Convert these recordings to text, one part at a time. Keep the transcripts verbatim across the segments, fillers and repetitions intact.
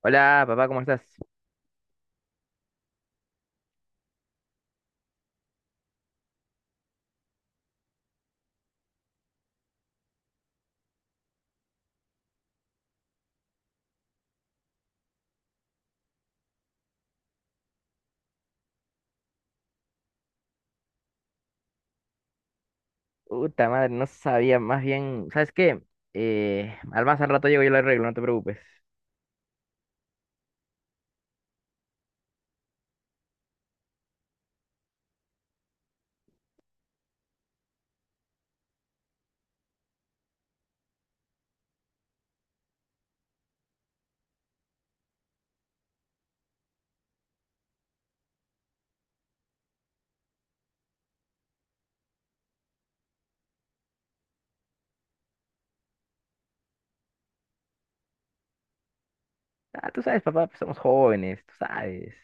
Hola, papá, ¿cómo estás? Puta madre, no sabía, más bien, ¿sabes qué? Eh, al más al rato llego y lo arreglo, no te preocupes. Ah, tú sabes, papá, pues somos jóvenes, tú sabes.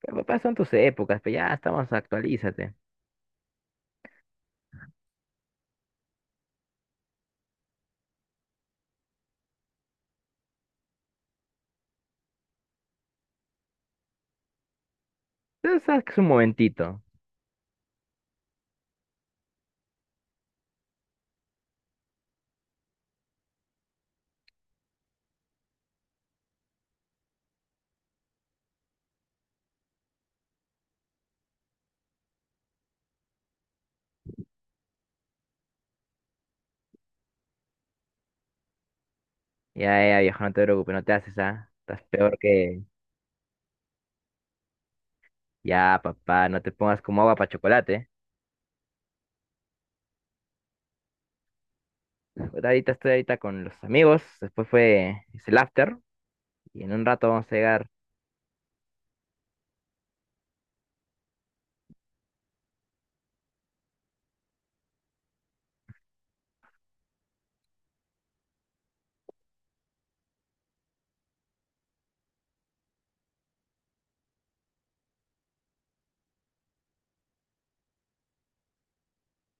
Pero, papá, son tus épocas, pero ya estamos, actualízate. Tú sabes que es un momentito. Ya, ya, viejo, no te preocupes, no te haces, ¿ah? Estás peor que... Ya, papá, no te pongas como agua para chocolate. Pues, Ahorita estoy ahorita con los amigos, después fue, es el after, y en un rato vamos a llegar.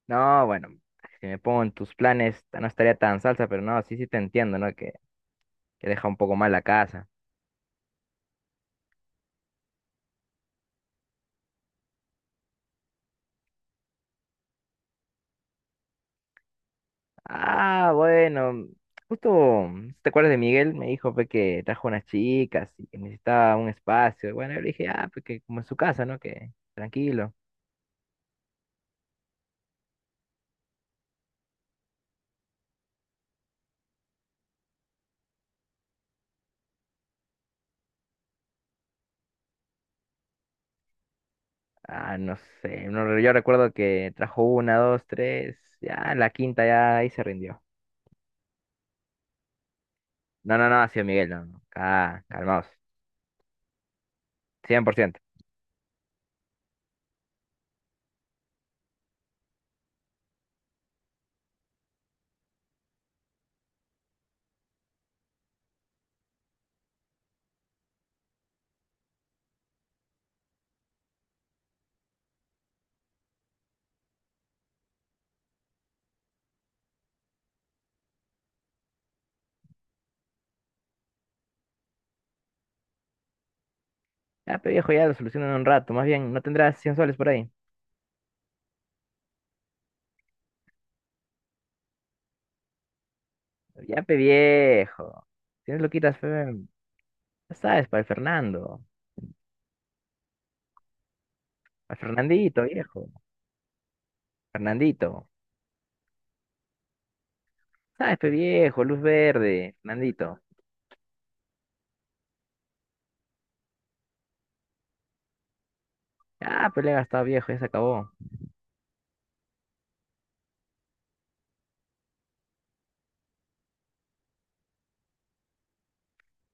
No, bueno, si me pongo en tus planes, no estaría tan salsa, pero no, sí, sí te entiendo, ¿no? Que, que deja un poco mal la casa. Ah, bueno, justo, si ¿te acuerdas de Miguel? Me dijo pues, que trajo unas chicas y que necesitaba un espacio. Bueno, yo le dije, ah, pues que como en su casa, ¿no? Que tranquilo. Ah, no sé, no, yo recuerdo que trajo una, dos, tres, ya la quinta ya ahí se rindió. No, no, no, ha sido Miguel, no, no, ca- calmaos, cien por ciento. Ya, pero viejo, ya lo solucionan en un rato, más bien, ¿no tendrás cien soles por ahí? Ya, pe viejo. Tienes loquitas fe, ya sabes, para el Fernando. Para Fernandito, viejo. Fernandito. Sabes, pe viejo, luz verde, Fernandito. Ya, pe le he gastado viejo, ya se acabó.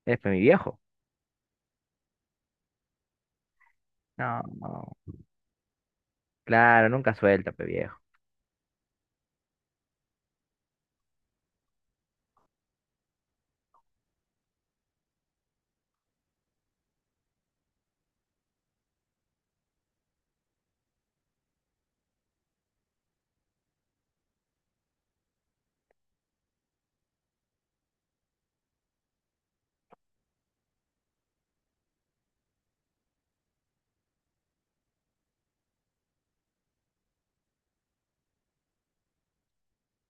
Es pe mi viejo. No, no. Claro, nunca suelta, pe viejo.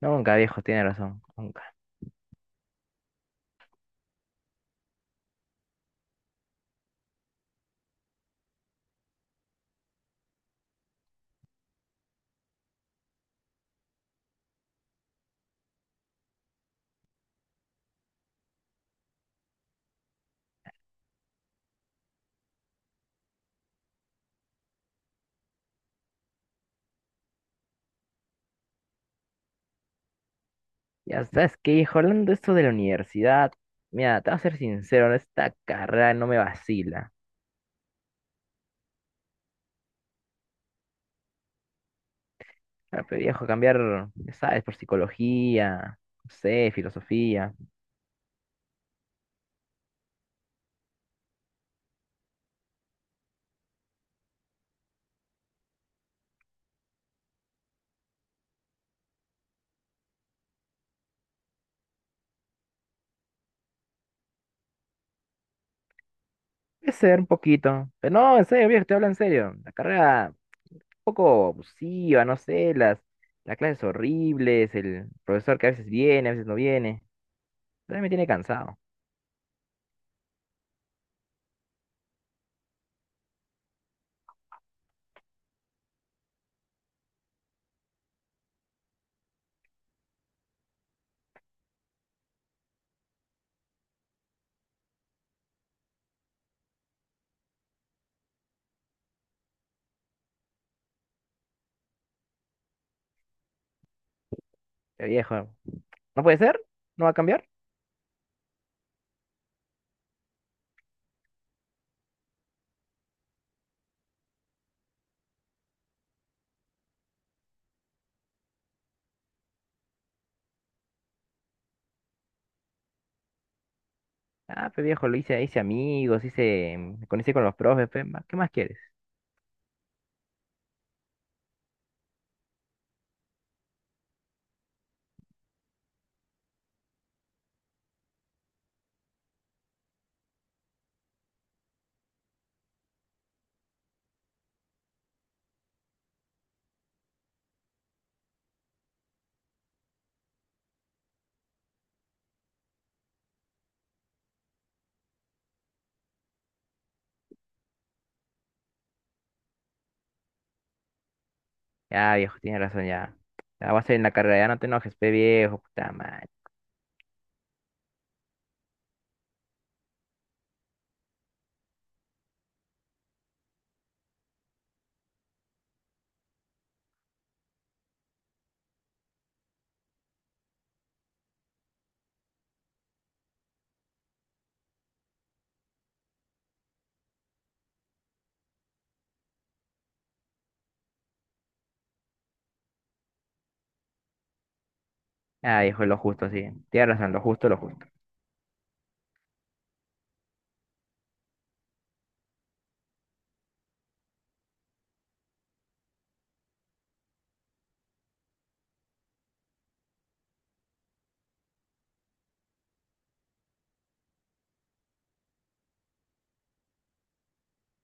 Nunca, viejo, tiene razón. Nunca. Ya sabes que, hijo, hablando de esto de la universidad, mira, te voy a ser sincero, esta carrera no me vacila. Claro, pe viejo, cambiar, ya sabes, por psicología, no sé, filosofía. Puede ser un poquito. Pero no, en serio, viejo, te hablo en serio. La carrera un poco abusiva, no sé, las, las clases horribles, el profesor que a veces viene, a veces no viene. También me tiene cansado. Pero viejo, ¿no puede ser? ¿No va a cambiar? Ah, pues viejo, lo hice, hice amigos, hice, mm, me conocí con los profes, pe, ma- ¿qué más quieres? Ya, viejo, tienes razón, ya. Ya vas a ir en la carrera, ya no te enojes, pe, viejo, puta madre. Ah, viejo, lo justo, sí. Tienes razón, lo justo, lo justo.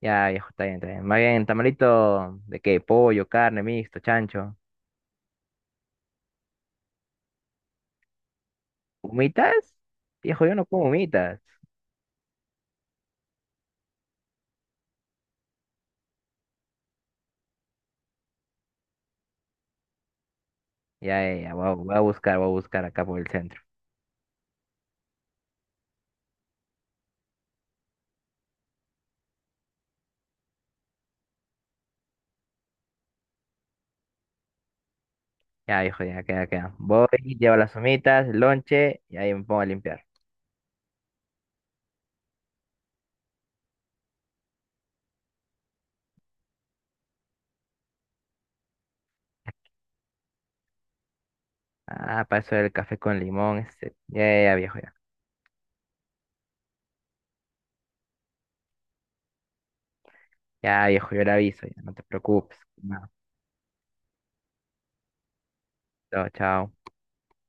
Ya, viejo, está bien, está bien. Más bien, tamalito de qué, pollo, carne, mixto, chancho. ¿Humitas? Viejo, yo no como humitas. Ya, ya, ya, voy a, voy a buscar, voy a buscar acá por el centro. Ya, viejo, ya, queda, queda. Voy, llevo las humitas, el lonche, y ahí me pongo a limpiar. Ah, paso el café con limón, este. Ya, ya, ya, viejo, ya. Ya, viejo, yo le aviso, ya, no te preocupes. No, chao, chao.